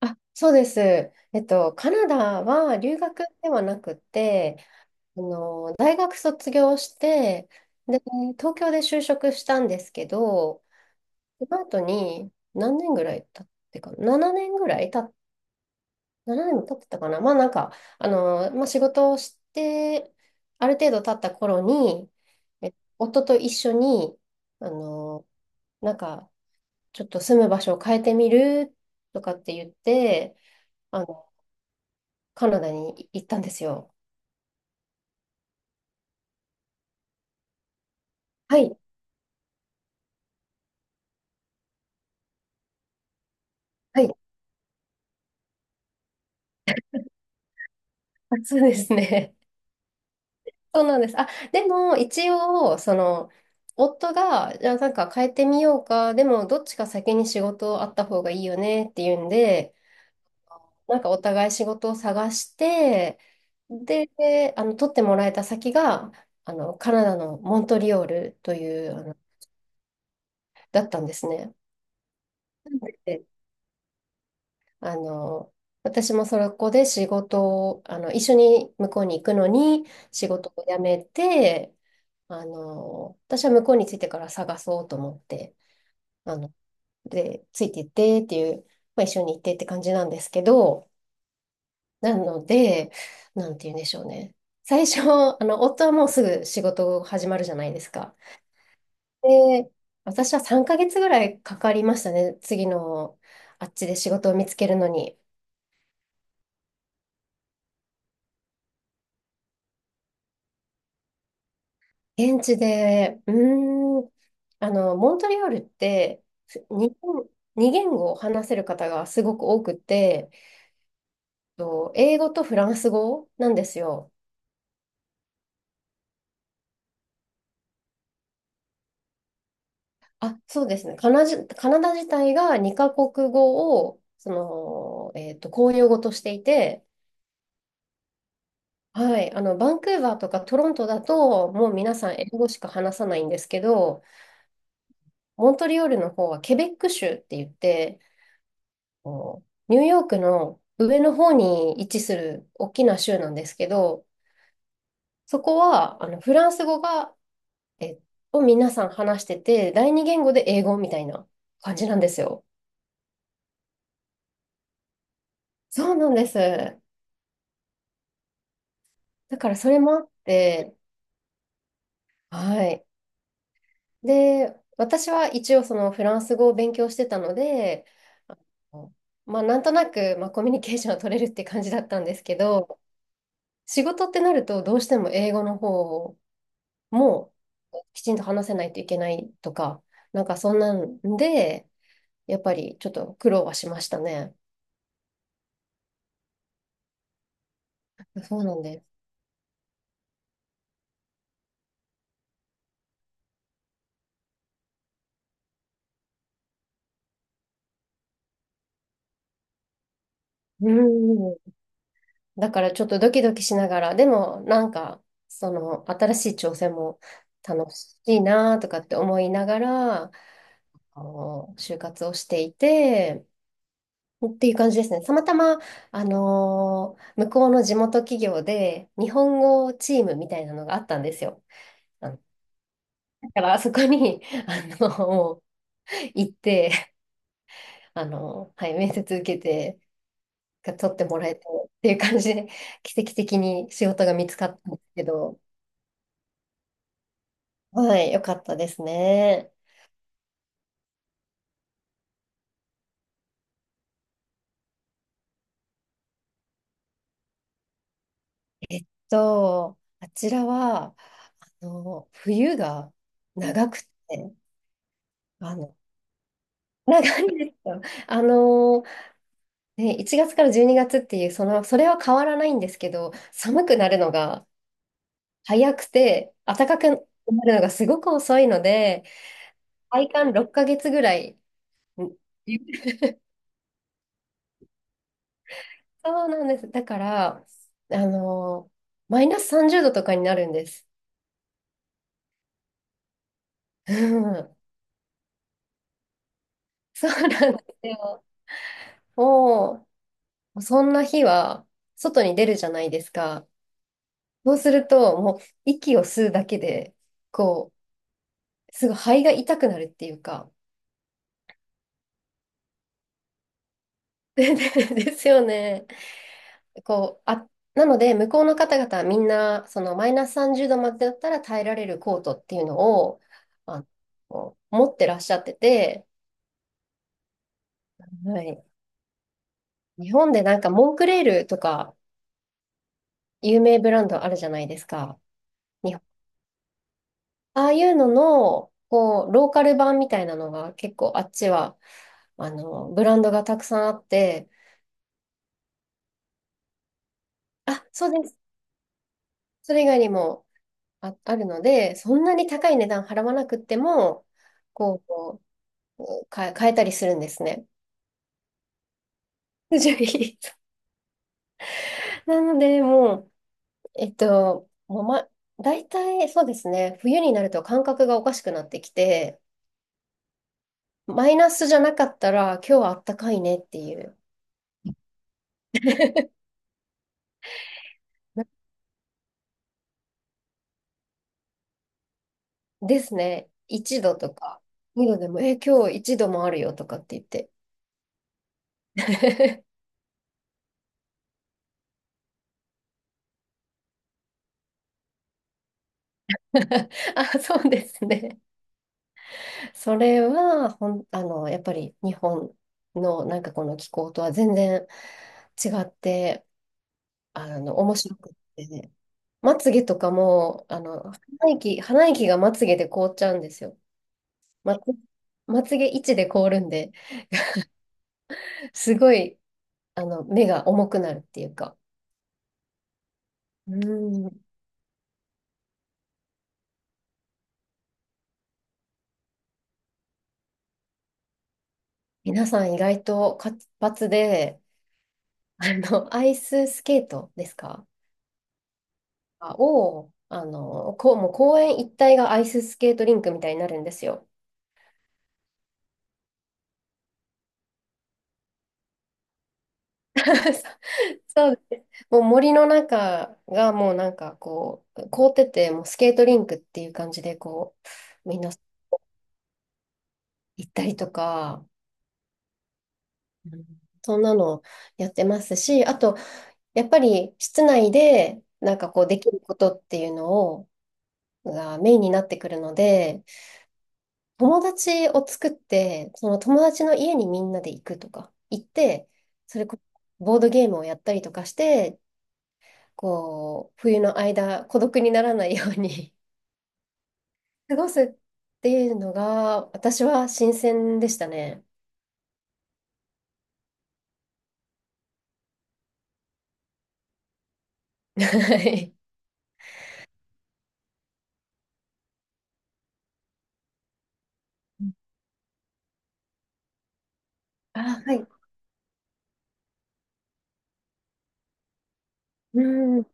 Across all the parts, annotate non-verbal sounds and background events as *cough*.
あ、そうです。カナダは留学ではなくて、大学卒業して、で、東京で就職したんですけど、その後に何年ぐらい経ってかな、7年ぐらい年も経ってたかな。まあなんか、まあ仕事をして、ある程度経った頃に、え夫と一緒に、あの、なんか、ちょっと住む場所を変えてみるとかって言って、あのカナダに行ったんですよ。はい、はい、あ、そうですね。*laughs* そうなんです。あ、でも一応、夫が、じゃあなんか変えてみようか、でもどっちか先に仕事あった方がいいよねっていうんで、なんかお互い仕事を探して、で、取ってもらえた先が、カナダのモントリオールという、だったんですね。あの、私もそこで仕事を、一緒に向こうに行くのに仕事を辞めて、私は向こうに着いてから探そうと思って、あの、で、ついて行ってっていう、まあ、一緒に行ってって感じなんですけど、なので、なんて言うんでしょうね。最初、夫はもうすぐ仕事始まるじゃないですか。で、私は3ヶ月ぐらいかかりましたね。次の、あっちで仕事を見つけるのに。現地で、モントリオールって、ふ日本、二言語を話せる方がすごく多くて、と英語とフランス語なんですよ。あ、そうですね。カナダ自体が二カ国語を、公用語としていて、はい、バンクーバーとかトロントだと、もう皆さん英語しか話さないんですけど、モントリオールの方はケベック州って言って、こうニューヨークの上の方に位置する大きな州なんですけど、そこはフランス語が、え、を皆さん話してて、第二言語で英語みたいな感じなんですよ。そうなんです。だからそれもあって、はい。で、私は一応そのフランス語を勉強してたので、あのまあなんとなく、まあ、コミュニケーションは取れるって感じだったんですけど、仕事ってなるとどうしても英語の方もうきちんと話せないといけないとか、なんかそんなんで、やっぱりちょっと苦労はしましたね。そうなんです。うん。だからちょっとドキドキしながら、でもなんか、その新しい挑戦も楽しいなとかって思いながら、就活をしていて、っていう感じですね。たまたま、向こうの地元企業で日本語チームみたいなのがあったんですよ。あ、だからあそこに、もう行って、はい、面接受けて、取ってもらえてっていう感じで、奇跡的に仕事が見つかったんですけど、はい、よかったですね。あちらは、冬が長くて、あの、長いんですよ。あの、ね、1月から12月っていう、それは変わらないんですけど、寒くなるのが早くて、暖かくなるのがすごく遅いので、体感6ヶ月ぐらい。んそうなんです。だから、あのーマイナス30度とかになるんです。*laughs* うん、そうなんですよ。もう、そんな日は外に出るじゃないですか。そうすると、もう息を吸うだけで、こう、すごい肺が痛くなるっていうか。*laughs* でですよね。あ、なので、向こうの方々はみんな、そのマイナス30度までだったら耐えられるコートっていうのを、あ持ってらっしゃってて、はい。日本でなんかモンクレールとか有名ブランドあるじゃないですか。日本ああいうのの、こう、ローカル版みたいなのが結構あっちは、ブランドがたくさんあって、あ、そうです。それ以外にも、あるので、そんなに高い値段払わなくっても、こ変え、変えたりするんですね。*laughs* 不条理なので、もう、えっと、もうま、大体そうですね、冬になると感覚がおかしくなってきて、マイナスじゃなかったら、今日はあったかいねっていう。*laughs* ですね。一度とか、2度でも、今日一度もあるよとかって言って。*laughs* あ、そうですね。それは、やっぱり日本のなんかこの気候とは全然違って、面白くって、まつげとかも、鼻息がまつげで凍っちゃうんですよ。まつ、まつげ位置で凍るんで、すごい、目が重くなるっていうか。うん。皆さん意外と活発で、アイススケートですかを、こう、もう公園一帯がアイススケートリンクみたいになるんですよ。*laughs* そうです。もう森の中がもうなんかこう、凍ってて、もうスケートリンクっていう感じで、こう、みんな行ったりとか、うん、そんなのやってますし、あと、やっぱり室内で、なんかこう、できることっていうのを、がメインになってくるので、友達を作って、その友達の家にみんなで行くとか、行って、それこそボードゲームをやったりとかして、こう、冬の間、孤独にならないように *laughs* 過ごすっていうのが、私は新鮮でしたね。*laughs* はい。あ、はい。うん。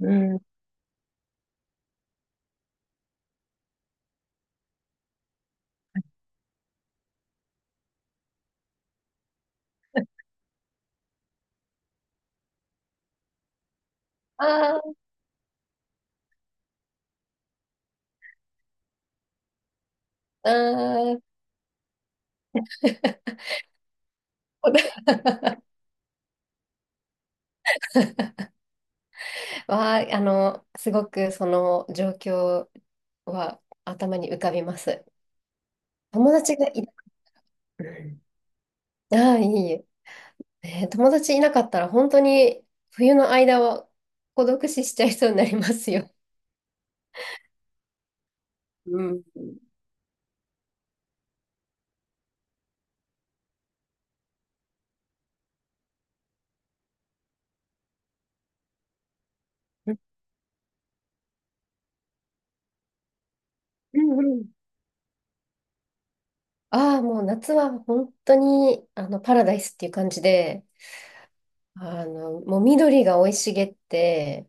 うん、ああ。あー。 *laughs* は、あの、すごくその状況は頭に浮かびます。友達がいな、ああー、いいえ。友達いなかったら本当に冬の間は孤独死しちゃいそうになりますよ。うん。*laughs* うんうん、ああ、もう夏は本当にパラダイスっていう感じで、もう緑が生い茂って、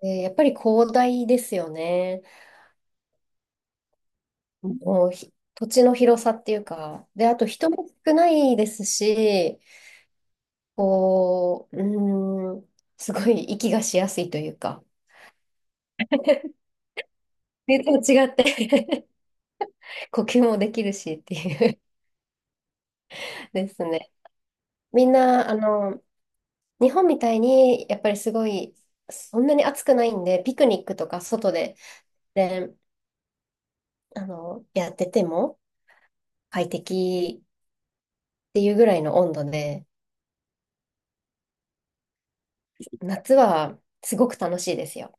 でやっぱり広大ですよね。もう土地の広さっていうか、で、あと人も少ないですし、こう、すごい息がしやすいというか、全然違って *laughs* 呼吸もできるしっていう *laughs* ですね。みんな、日本みたいに、やっぱりすごい、そんなに暑くないんで、ピクニックとか外で、で、やってても快適っていうぐらいの温度で、夏はすごく楽しいですよ。